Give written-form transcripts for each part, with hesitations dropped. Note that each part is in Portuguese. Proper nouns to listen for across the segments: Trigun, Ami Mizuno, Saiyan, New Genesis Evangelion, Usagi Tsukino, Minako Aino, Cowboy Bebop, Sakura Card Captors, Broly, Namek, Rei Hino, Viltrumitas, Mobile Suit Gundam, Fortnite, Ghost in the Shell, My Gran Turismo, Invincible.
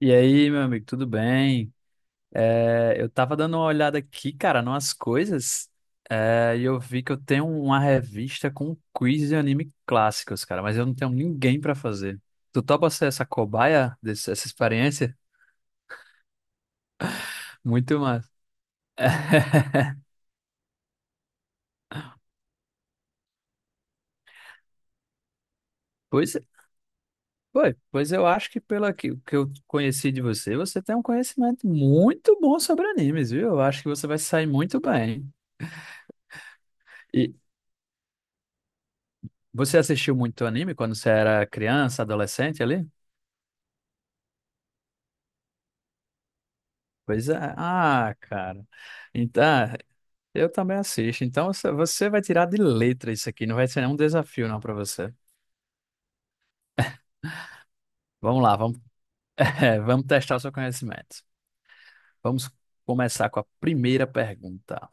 E aí, meu amigo, tudo bem? É, eu tava dando uma olhada aqui, cara, numas coisas, é, e eu vi que eu tenho uma revista com quiz de anime clássicos, cara, mas eu não tenho ninguém pra fazer. Tu topa ser essa cobaia dessa experiência? Muito massa. Pois, é, foi. Pois eu acho que pelo que eu conheci de você, você tem um conhecimento muito bom sobre animes, viu? Eu acho que você vai se sair muito bem. E você assistiu muito anime quando você era criança, adolescente ali? Pois é. Ah, cara. Então, ah, eu também assisto. Então você vai tirar de letra isso aqui. Não vai ser nenhum desafio, não, para você. Vamos lá, vamos, vamos testar o seu conhecimento. Vamos começar com a primeira pergunta.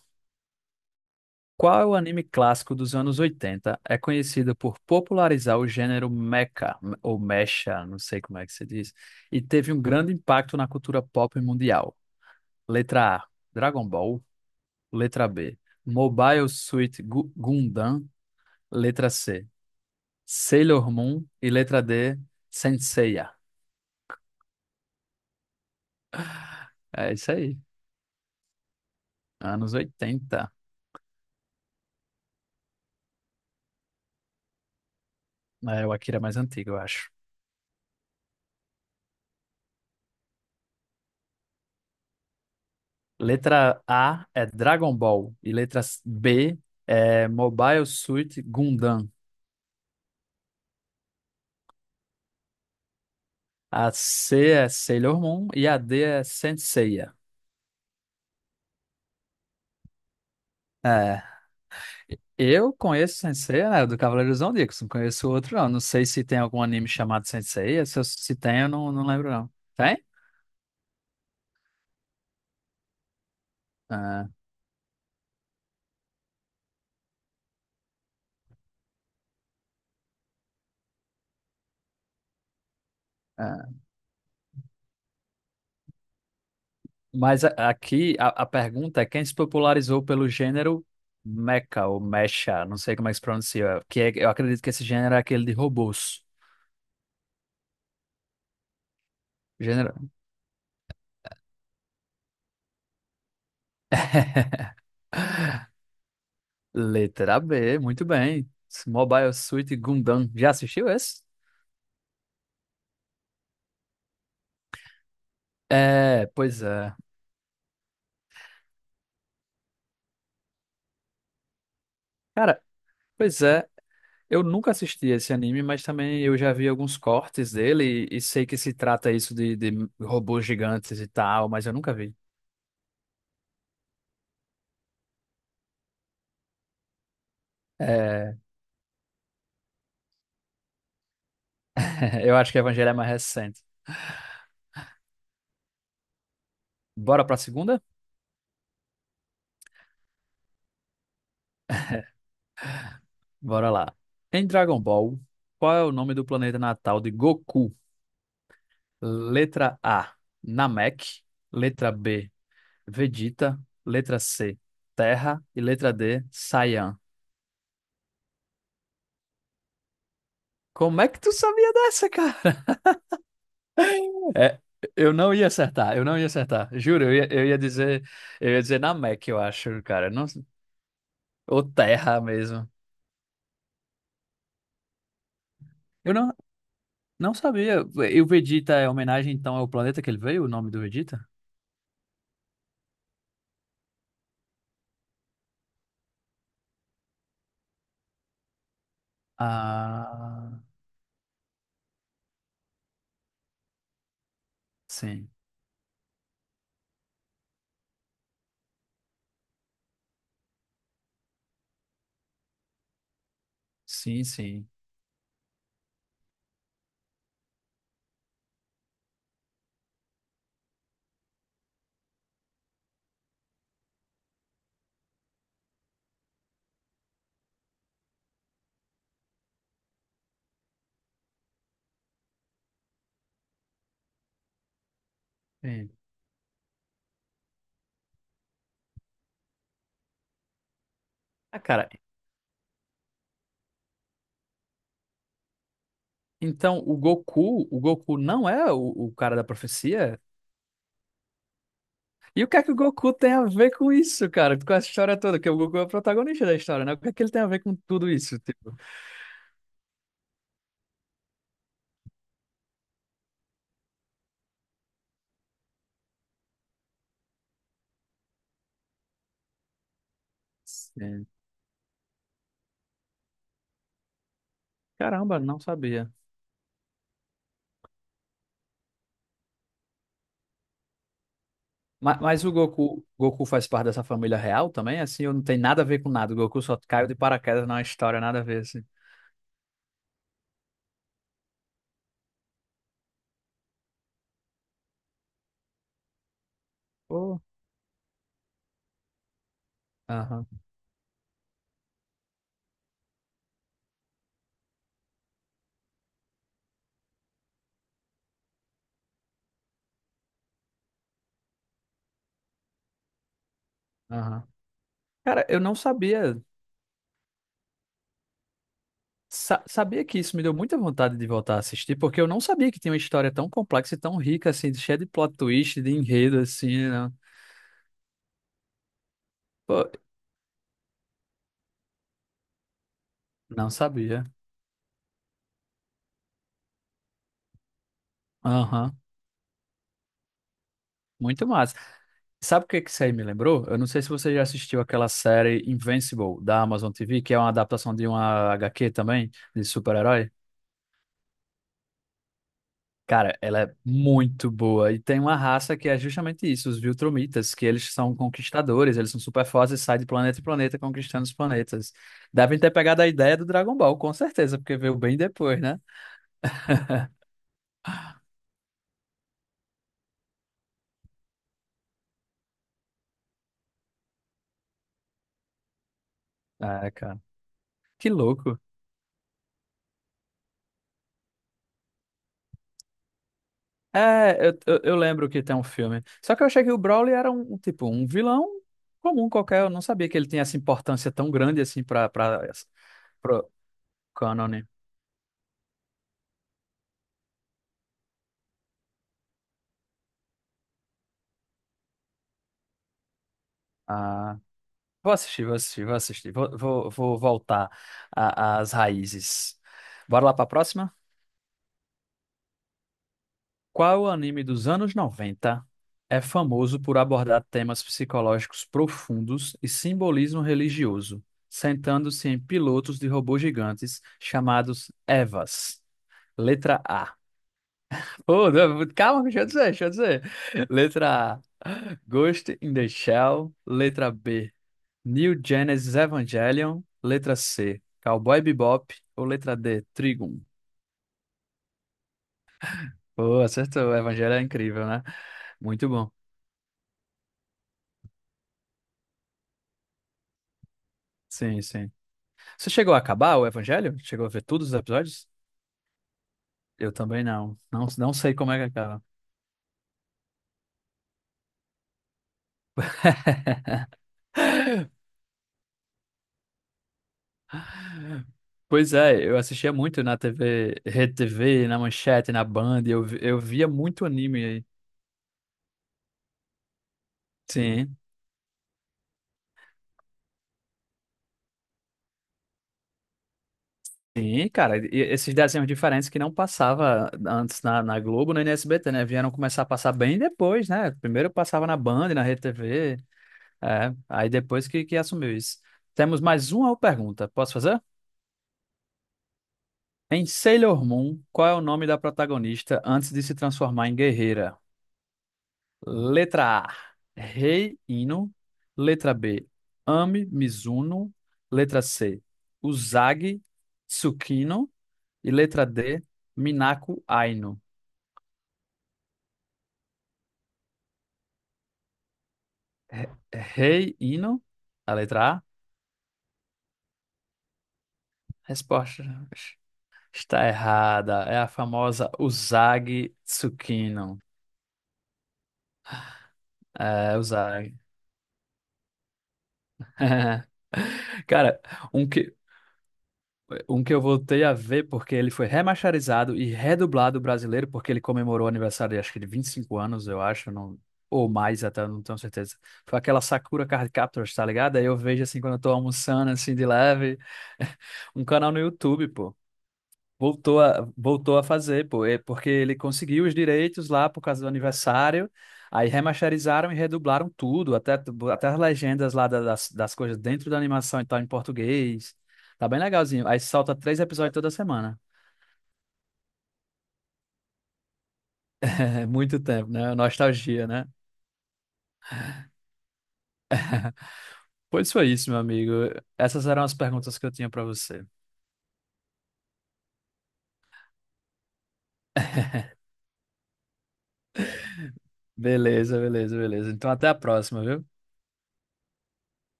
Qual é o anime clássico dos anos 80 é conhecido por popularizar o gênero mecha, ou mecha, não sei como é que se diz, e teve um grande impacto na cultura pop mundial? Letra A, Dragon Ball. Letra B, Mobile Suit Gundam. Letra C, Sailor Moon. E letra D, Senseiya. É isso aí. Anos 80. É, o Akira é mais antigo, eu acho. Letra A é Dragon Ball. E letra B é Mobile Suit Gundam. A C é Sailor Moon. E a D é Senseiya. É. Eu conheço Senseiya, né, do Cavaleiros do Zodíaco. Não conheço outro, não. Não sei se tem algum anime chamado Senseiya. Se, se tem, eu não, não lembro, não. Tem? Ah, ah. Mas aqui a pergunta é quem se popularizou pelo gênero mecha ou mecha, não sei como é que se pronuncia, eu acredito que esse gênero é aquele de robôs. Gênero, letra B, muito bem. Mobile Suit Gundam. Já assistiu esse? É, pois é. Cara, pois é. Eu nunca assisti esse anime, mas também eu já vi alguns cortes dele e sei que se trata isso de robôs gigantes e tal, mas eu nunca vi. É, eu acho que o Evangelho é mais recente. Bora pra segunda? Bora lá. Em Dragon Ball, qual é o nome do planeta natal de Goku? Letra A, Namek. Letra B, Vegeta. Letra C, Terra. E letra D, Saiyan. Como é que tu sabia dessa, cara? É, eu não ia acertar, eu não ia acertar. Juro, eu ia dizer, eu ia dizer Namek, eu acho, cara. Não, ou Terra mesmo. Eu não sabia. E o Vegeta é homenagem, então, ao planeta que ele veio, o nome do Vegeta? Ah, sim. Sim, sim. Sim. Ah, cara, então o Goku não é o cara da profecia? E o que é que o Goku tem a ver com isso, cara? Com essa história toda, que o Goku é o protagonista da história, né? O que é que ele tem a ver com tudo isso, tipo? Sim. Caramba, não sabia. Mas o Goku, Goku faz parte dessa família real também, assim, ou não tem nada a ver com nada? O Goku só caiu de paraquedas na história, nada a ver, assim. Pô, aham, aham. Cara, eu não sabia. Sabia que isso me deu muita vontade de voltar a assistir, porque eu não sabia que tinha uma história tão complexa e tão rica, assim, cheia de plot twist, de enredo, assim, né? Pô, não sabia. Aham, muito massa. Sabe o que que isso aí me lembrou? Eu não sei se você já assistiu aquela série Invincible, da Amazon TV, que é uma adaptação de uma HQ também, de super-herói. Cara, ela é muito boa. E tem uma raça que é justamente isso, os Viltrumitas, que eles são conquistadores, eles são super fortes e saem de planeta em planeta conquistando os planetas. Devem ter pegado a ideia do Dragon Ball, com certeza, porque veio bem depois, né? Ah, cara, que louco. É, eu lembro que tem um filme. Só que eu achei que o Broly era um, tipo, um vilão comum qualquer. Eu não sabia que ele tinha essa importância tão grande assim pro cânone. Vou assistir, vou assistir, vou assistir. Vou voltar às raízes. Bora lá para a próxima? Qual anime dos anos 90 é famoso por abordar temas psicológicos profundos e simbolismo religioso, sentando-se em pilotos de robôs gigantes chamados Evas? Letra A. Oh, não, calma, deixa eu dizer, deixa eu dizer. Letra A. Ghost in the Shell. Letra B. New Genesis Evangelion, letra C, Cowboy Bebop ou letra D, Trigun? Pô, acertou, o Evangelho é incrível, né? Muito bom. Sim, sim. Você chegou a acabar o Evangelho? Chegou a ver todos os episódios? Eu também não. Não, não sei como é que acaba. Pois é, eu assistia muito na TV, Rede TV, na Manchete, na Band, eu via muito anime aí. Sim. Sim, cara, e esses desenhos diferentes que não passava antes na Globo nem no SBT, né? Vieram começar a passar bem depois, né? Primeiro passava na Band, na Rede TV, é, aí depois que assumiu isso. Temos mais uma pergunta, posso fazer? Em Sailor Moon, qual é o nome da protagonista antes de se transformar em guerreira? Letra A, Rei Ino. Letra B, Ami Mizuno. Letra C, Usagi Tsukino. E letra D, Minako Aino. Re- Rei Hino, a letra A. Resposta está errada. É a famosa Usagi Tsukino. É, Usagi. Cara, um que, um que eu voltei a ver porque ele foi remasterizado e redublado brasileiro, porque ele comemorou o aniversário, acho que de 25 anos, eu acho, não, ou mais até, não tenho certeza. Foi aquela Sakura Card Captors, tá ligado? Aí eu vejo assim quando eu tô almoçando, assim, de leve, um canal no YouTube, pô. Voltou a fazer, pô, é porque ele conseguiu os direitos lá por causa do aniversário, aí remasterizaram e redublaram tudo, até, até as legendas lá das coisas dentro da animação e tal, em português. Tá bem legalzinho. Aí salta três episódios toda semana. É muito tempo, né? Nostalgia, né? Pois foi isso, meu amigo. Essas eram as perguntas que eu tinha pra você. Beleza, beleza, beleza. Então até a próxima, viu?